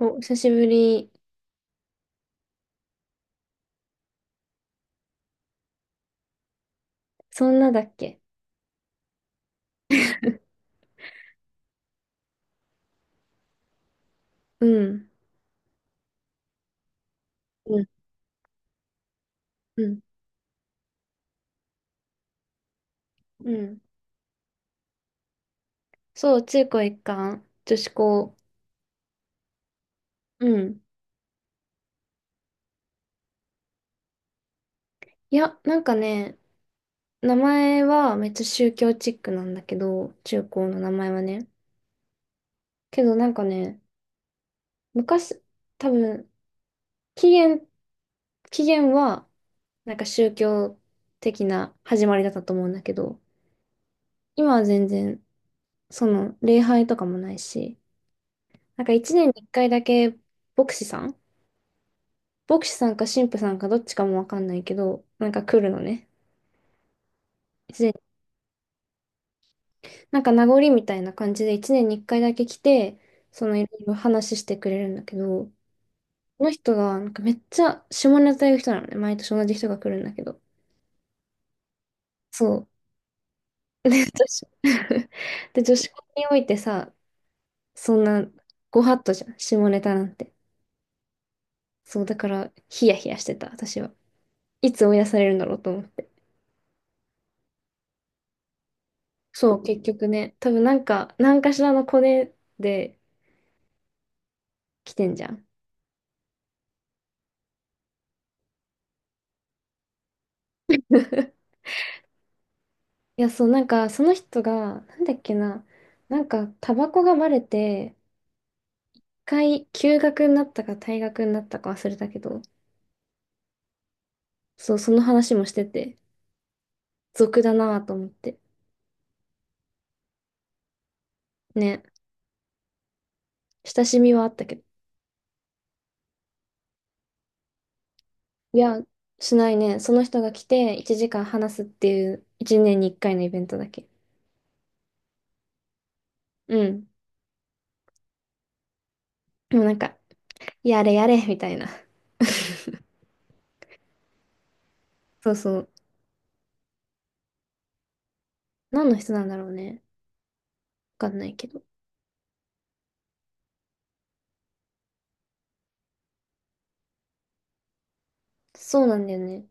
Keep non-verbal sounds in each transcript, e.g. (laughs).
お、久しぶり。そんなだっけ？うん。うん、うん。うん。そう、中高一貫、女子校。うん。いや、なんかね、名前はめっちゃ宗教チックなんだけど、中高の名前はね。けどなんかね、昔、多分、起源、起源は、なんか宗教的な始まりだったと思うんだけど、今は全然、その、礼拝とかもないし、なんか一年に一回だけ、牧師さん牧師さんか神父さんかどっちかもわかんないけど、なんか来るのね。一年なんか名残みたいな感じで一年に一回だけ来て、その、いろいろ話してくれるんだけど、この人がなんかめっちゃ下ネタ言う人なのね。毎年同じ人が来るんだけど。そう。(laughs) で、女子 (laughs) で、女子校においてさ、そんなご法度じゃん、下ネタなんて。そう、だからヒヤヒヤしてた、私は。いつ追い出されるんだろうと思って。そう、結局ね、多分なんか、何かしらのコネで来てんじゃん。(laughs) いや、そう、なんか、その人が、なんだっけな、なんか、タバコがバレて、一回、休学になったか退学になったか忘れたけど、そう、その話もしてて、俗だなぁと思って。ね、親しみはあったけど。いや、しないね。その人が来て、1時間話すっていう、1年に1回のイベントだけ。うん。でもなんか、やれやれ、みたいな。(laughs) そうそう。何の人なんだろうね。わかんないけど。そうなんだよね。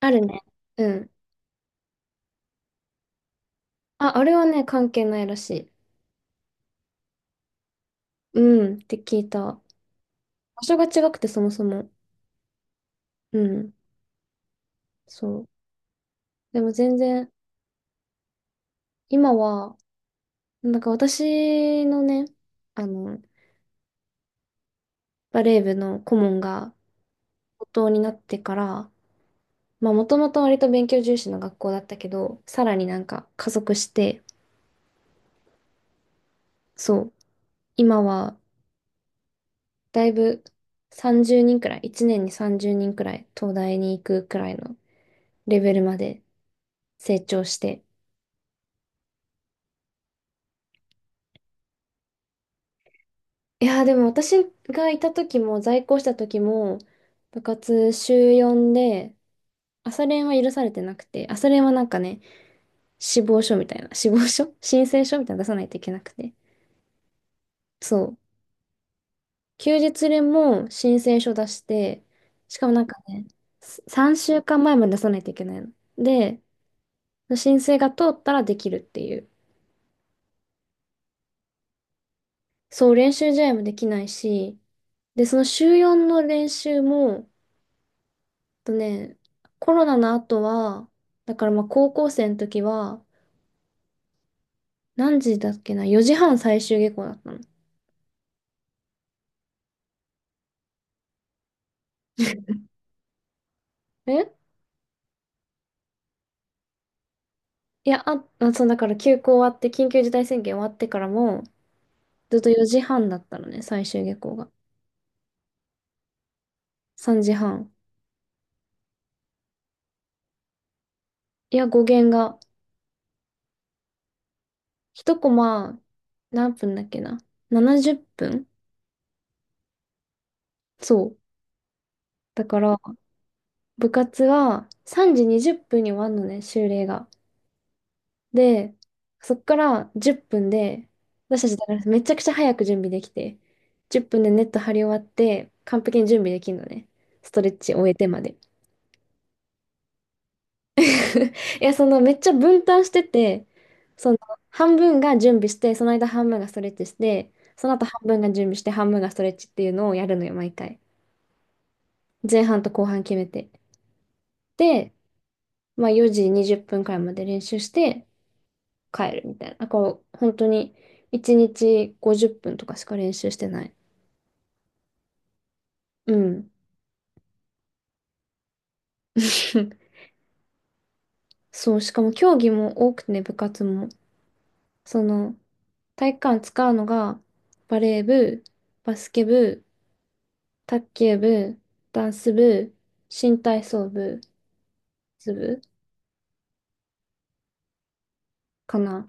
あるね。うん。あ、あれはね、関係ないらしい。うん、って聞いた。場所が違くて、そもそも。うん、そう。でも全然、今は、なんか私のね、あの、バレー部の顧問が、高等になってから、まあ、もともと割と勉強重視の学校だったけど、さらになんか加速して、そう、今は、だいぶ30人くらい、1年に30人くらい、東大に行くくらいのレベルまで成長して、いやーでも私がいた時も、在校した時も、部活週4で、朝練は許されてなくて、朝練はなんかね、死亡書みたいな、死亡書 (laughs) 申請書みたいなの出さないといけなくて。そう、休日練も申請書出して、しかもなんかね、3週間前まで出さないといけないので、申請が通ったらできるっていう。そう、練習試合もできないし、でその週4の練習も、とね、コロナの後は、だからまあ高校生の時は、何時だっけな、4時半最終下校だったの。え、いや、あ、あそう、だから休校終わって、緊急事態宣言終わってからも、ずっと4時半だったのね、最終下校が。3時半。いや、語源が、1コマ、何分だっけな。70分。そう。だから、部活が3時20分に終わるのね、終例が。で、そっから10分で、私たちだからめちゃくちゃ早く準備できて、10分でネット張り終わって、完璧に準備できるのね。ストレッチ終えてまで。(laughs) いや、そのめっちゃ分担してて、その、半分が準備して、その間半分がストレッチして、その後半分が準備して、半分がストレッチっていうのをやるのよ、毎回。前半と後半決めて。で、まあ4時20分くらいまで練習して帰るみたいな。こう、本当に1日50分とかしか練習してない。うん。(laughs) そう、しかも競技も多くてね、部活も。その、体育館使うのが、バレー部、バスケ部、卓球部、ダンス部、新体操部、ズ部かな。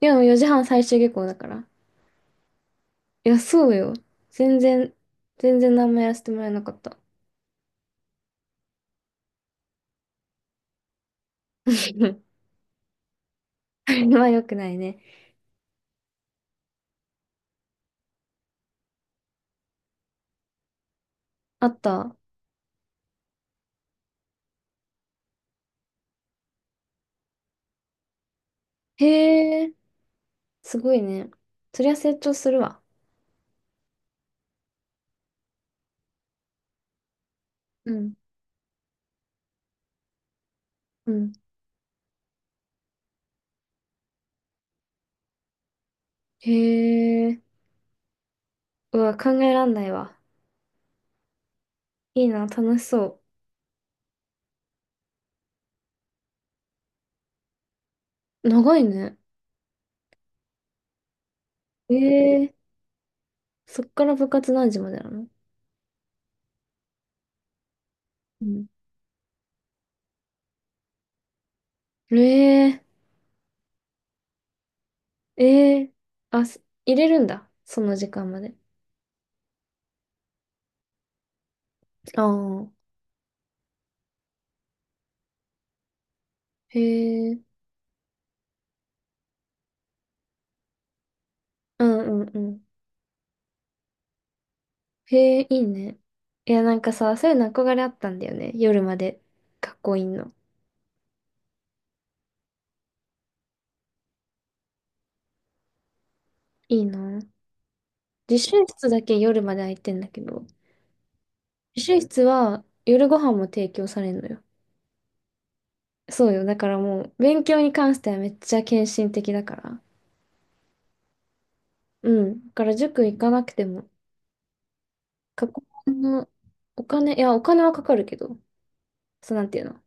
でも4時半最終下校だから。いや、そうよ。全然、全然何もやらせてもらえなかった。(laughs) あれは良くないね。あった。へえ、すごいね。そりゃ成長するわ。うん。うん。へえ。うわ、考えらんないわ。いいな、楽しそう。長いね。ええ、そっから部活何時までなの？うん。ええ、ええ、あ、す入れるんだ。その時間まで。ああ。へえ、うんうんうん。へえ、いいね。いや、なんかさ、そういうの憧れあったんだよね。夜まで学校いんの。いいな。自習室だけ夜まで空いてんだけど、自習室は夜ご飯も提供されんのよ。そうよ。だからもう、勉強に関してはめっちゃ献身的だから。うん。だから塾行かなくても、学校のお金、いや、お金はかかるけど、そう、なんていうの、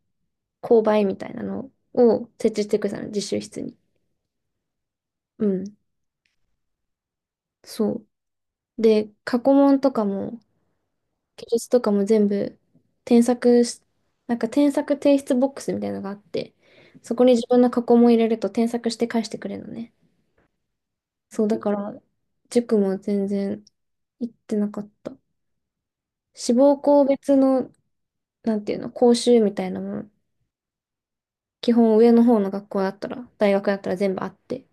購買みたいなのを設置してくれたの、自習室に。うん。そう。で、過去問とかも、記述とかも全部、添削し、なんか添削提出ボックスみたいなのがあって、そこに自分の過去問入れると添削して返してくれるのね。そう、だから、塾も全然行ってなかった。志望校別の、なんていうの、講習みたいなもの、基本上の方の学校だったら、大学だったら全部あって。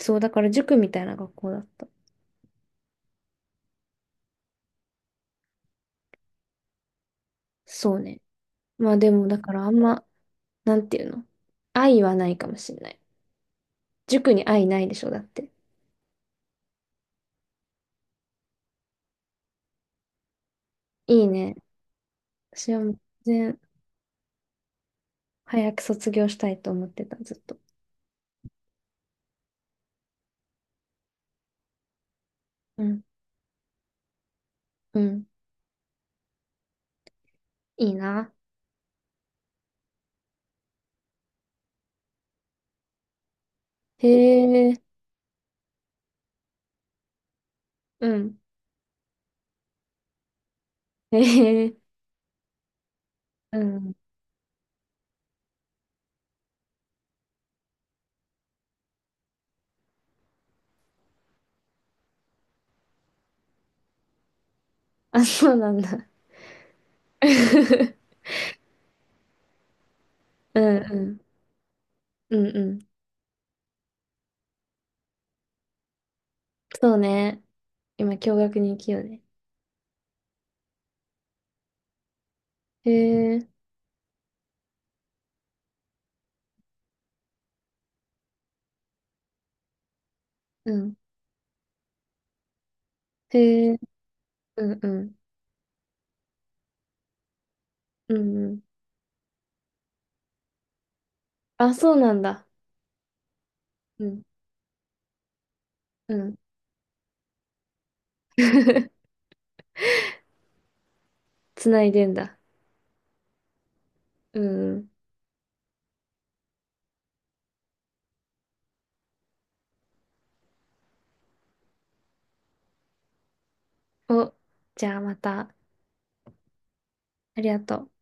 そう、だから塾みたいな学校だった。そうね。まあでも、だからあんま、なんていうの、愛はないかもしれない。塾に愛ないでしょ、だって。いいね。私はもう全然、早く卒業したいと思ってた、ずっと。うん。うん。いいな。へえ。うん。へえ。うん。あ、そうなんだ。(laughs) うんうん。うんうん。そうね。今、共学に行きようね。へえ。うん。へえ。うんうん。うんうん。あ、そうなんだ。うんうん。つないでんだ。うんうん。お、じゃあまた。ありがとう。